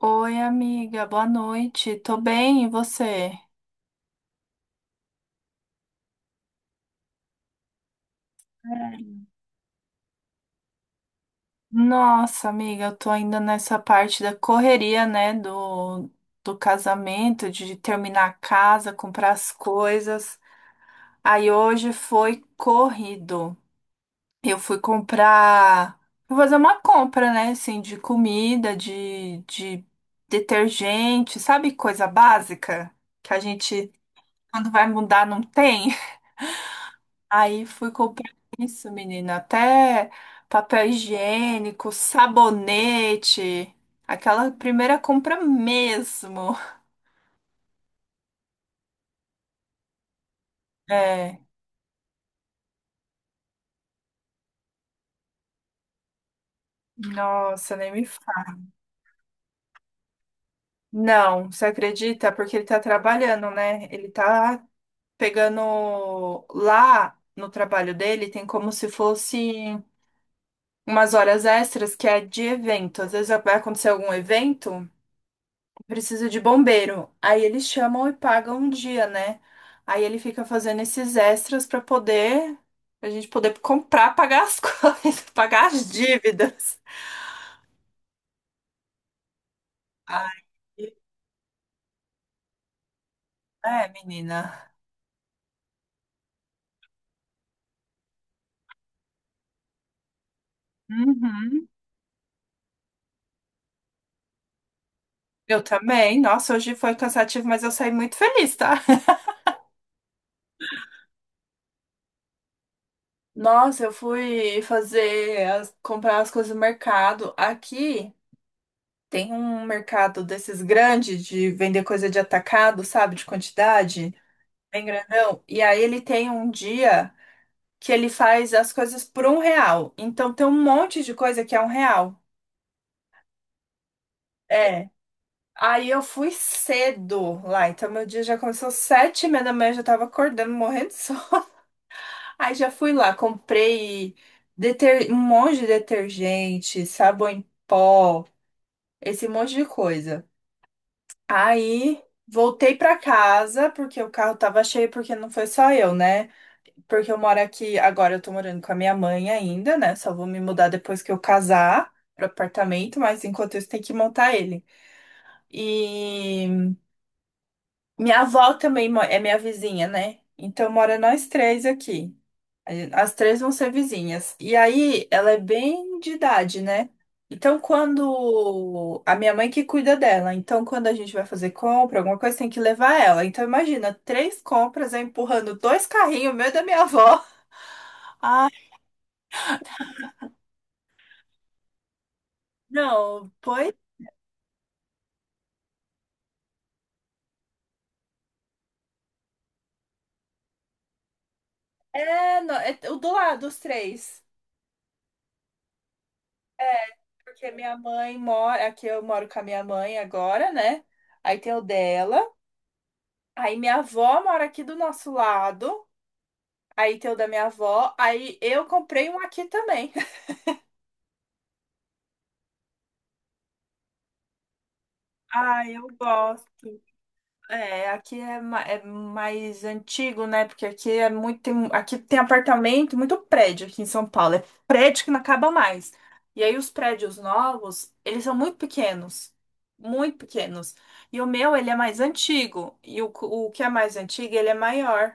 Oi, amiga, boa noite. Tô bem, e você? É. Nossa, amiga, eu tô ainda nessa parte da correria, né, do casamento, de terminar a casa, comprar as coisas. Aí hoje foi corrido. Eu fui comprar, fui fazer uma compra, né, assim, de comida, de detergente, sabe, coisa básica que a gente, quando vai mudar, não tem? Aí fui comprar isso, menina. Até papel higiênico, sabonete. Aquela primeira compra mesmo. É. Nossa, nem me fala. Não, você acredita? Porque ele tá trabalhando, né? Ele tá pegando lá no trabalho dele, tem como se fosse umas horas extras que é de evento. Às vezes vai acontecer algum evento. Preciso de bombeiro. Aí eles chamam e pagam um dia, né? Aí ele fica fazendo esses extras pra poder a gente poder comprar, pagar as coisas, pagar as dívidas. Aí, é, menina. Uhum. Eu também. Nossa, hoje foi cansativo, mas eu saí muito feliz, tá? Nossa, eu fui fazer comprar as coisas no mercado. Aqui tem um mercado desses grandes de vender coisa de atacado, sabe, de quantidade, bem grandão. E aí ele tem um dia que ele faz as coisas por um real. Então tem um monte de coisa que é um real. É. Aí eu fui cedo lá, então meu dia já começou às 7:30 da manhã, eu já tava acordando, morrendo de sono. Aí já fui lá, comprei um monte de detergente, sabão em pó, esse monte de coisa. Aí voltei pra casa, porque o carro tava cheio, porque não foi só eu, né? Porque eu moro aqui, agora eu tô morando com a minha mãe ainda, né? Só vou me mudar depois que eu casar pro apartamento, mas enquanto isso tem que montar ele. E minha avó também é minha vizinha, né? Então mora nós três aqui. As três vão ser vizinhas. E aí ela é bem de idade, né? Então quando a minha mãe que cuida dela, então quando a gente vai fazer compra, alguma coisa tem que levar ela. Então imagina, três compras, eu empurrando dois carrinhos, o meu e da minha avó. Não, pois. É, não, é o do lado, os três. É, porque minha mãe mora. Aqui eu moro com a minha mãe agora, né? Aí tem o dela. Aí minha avó mora aqui do nosso lado. Aí tem o da minha avó. Aí eu comprei um aqui também. Ah, eu gosto. É, aqui é, é mais antigo, né? Porque aqui é muito, aqui tem apartamento, muito prédio aqui em São Paulo. É prédio que não acaba mais. E aí os prédios novos, eles são muito pequenos, muito pequenos. E o meu, ele é mais antigo. E o que é mais antigo, ele é maior.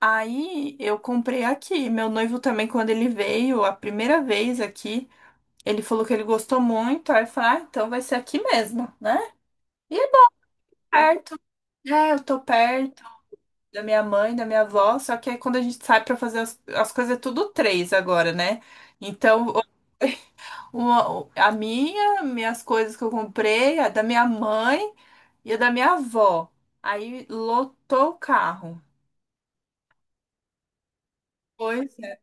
Aí eu comprei aqui. Meu noivo também, quando ele veio a primeira vez aqui, ele falou que ele gostou muito. Aí eu falei, ah, então vai ser aqui mesmo, né? E é perto. É, eu tô perto da minha mãe, da minha avó, só que aí quando a gente sai pra fazer as coisas é tudo três agora, né? Então, minhas coisas que eu comprei, a da minha mãe e a da minha avó. Aí lotou o carro. Pois é.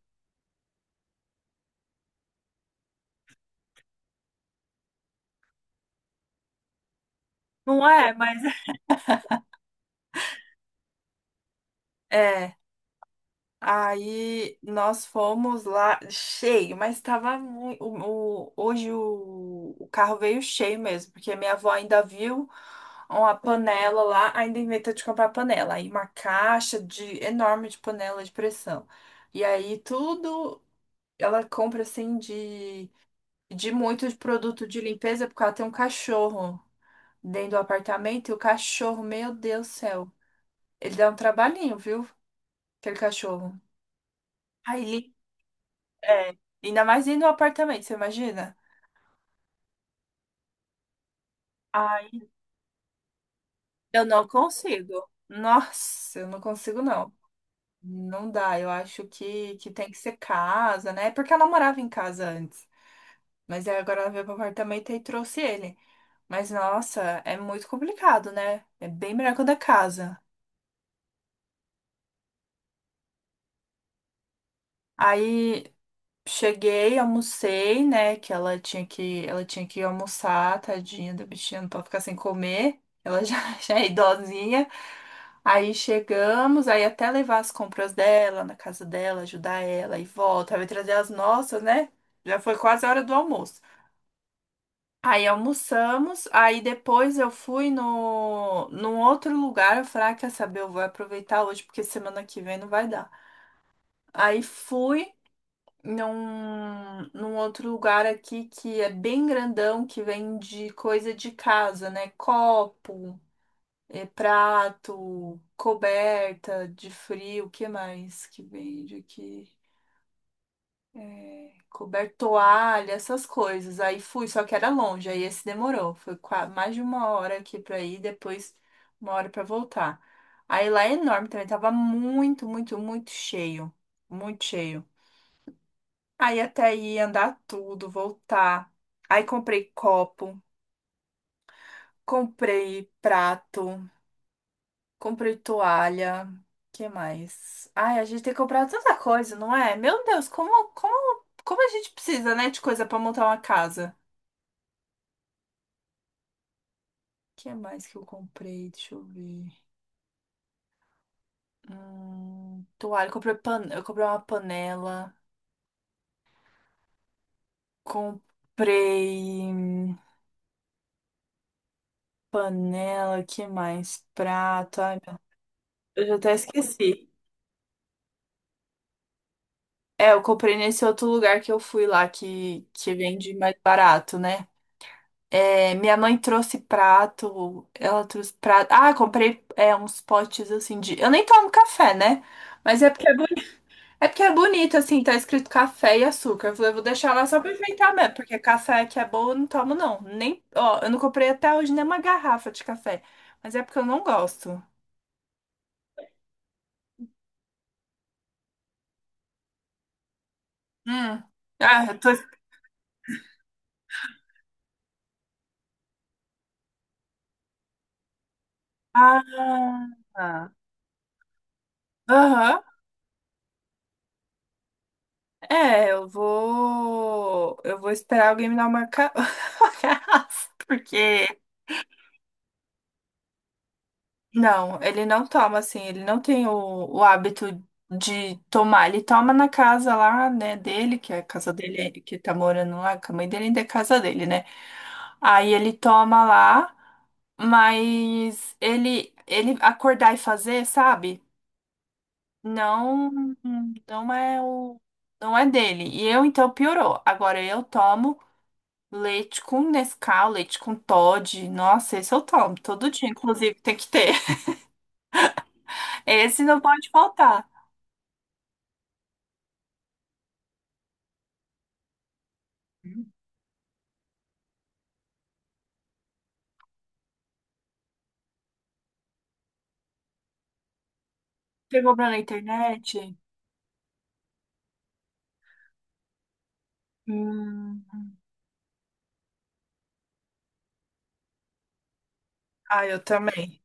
Não é, mas é. Aí nós fomos lá cheio, mas estava muito. Hoje o carro veio cheio mesmo, porque minha avó ainda viu uma panela lá, ainda inventou de comprar panela. Aí uma caixa de enorme de panela de pressão. E aí tudo ela compra assim de muito de produto de limpeza, porque ela tem um cachorro dentro do apartamento, e o cachorro, meu Deus do céu, ele dá um trabalhinho, viu? Aquele cachorro. Aí. É, ainda mais indo no apartamento, você imagina? Ai, eu não consigo. Nossa, eu não consigo, não. Não dá, eu acho que tem que ser casa, né? É. Porque ela morava em casa antes. Mas aí agora ela veio pro apartamento e trouxe ele. Mas nossa, é muito complicado, né? É bem melhor quando é casa. Aí cheguei, almocei, né? Que ela tinha que almoçar, tadinha da bichinha, não pode ficar sem comer. Ela já, já é idosinha. Aí chegamos, aí até levar as compras dela na casa dela, ajudar ela e volta, vai trazer as nossas, né? Já foi quase a hora do almoço. Aí almoçamos, aí depois eu fui no, num outro lugar. Eu falei, ah, quer saber? Eu vou aproveitar hoje porque semana que vem não vai dar. Aí fui num outro lugar aqui que é bem grandão, que vende coisa de casa, né? Copo, prato, coberta de frio, o que mais que vende aqui? É, coberto, toalha, essas coisas. Aí fui, só que era longe, aí esse demorou. Foi mais de uma hora aqui pra ir, depois uma hora pra voltar. Aí lá é enorme também, tava muito, muito, muito cheio. Muito cheio. Aí até ir andar tudo, voltar. Aí comprei copo, comprei prato, comprei toalha. Que mais? Ai, a gente tem que comprar tanta coisa, não é? Meu Deus, como a gente precisa, né, de coisa pra montar uma casa? Que mais que eu comprei? Deixa eu ver. Toalha, eu comprei uma panela, comprei panela, que mais? Prato. Ai, meu... Eu já até esqueci. É, eu comprei nesse outro lugar que eu fui lá, que vende mais barato, né? É, minha mãe trouxe prato, ela trouxe prato. Ah, comprei é, uns potes assim de. Eu nem tomo café, né? Mas porque é bonito, assim, tá escrito café e açúcar. Eu falei, eu vou deixar lá só pra enfeitar mesmo, porque café que é bom eu não tomo, não. Nem, ó, eu não comprei até hoje nem uma garrafa de café. Mas é porque eu não gosto. Hum. Ah, eu tô. Ah. Aham. É, eu vou. Eu vou esperar alguém me dar uma carraça, porque. Não, ele não toma assim, ele não tem o hábito de tomar. Ele toma na casa lá, né, dele, que é a casa dele, que tá morando lá, que a mãe dele ainda é casa dele, né? Aí ele toma lá, mas ele acordar e fazer, sabe? Não, não é o. Não é dele. E eu, então, piorou. Agora eu tomo. Leite com Nescau, leite com Toddy. Nossa, esse eu tomo todo dia, inclusive, tem que ter. Esse não pode faltar. Você compra na internet? Hum. Ah, eu também.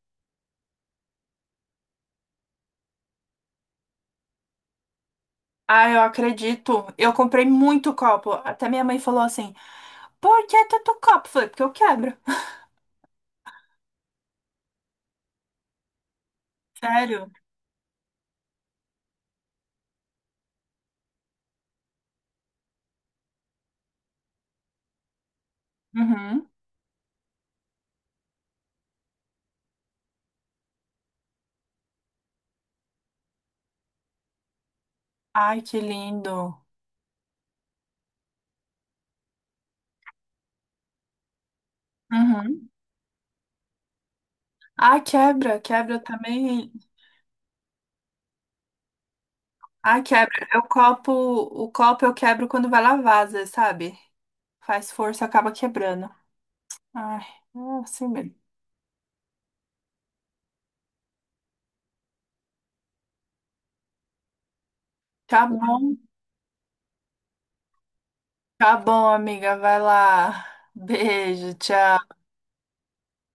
Ah, eu acredito. Eu comprei muito copo. Até minha mãe falou assim: por que tanto copo? Eu falei, porque eu quebro. Sério? Uhum. Ai, que lindo. Uhum. Ah, quebra, quebra eu também. Ah, quebra. O copo eu quebro quando vai lavar, às vezes, sabe? Faz força, acaba quebrando. Ai, é assim mesmo. Tá bom, tá bom, amiga. Vai lá. Beijo, tchau.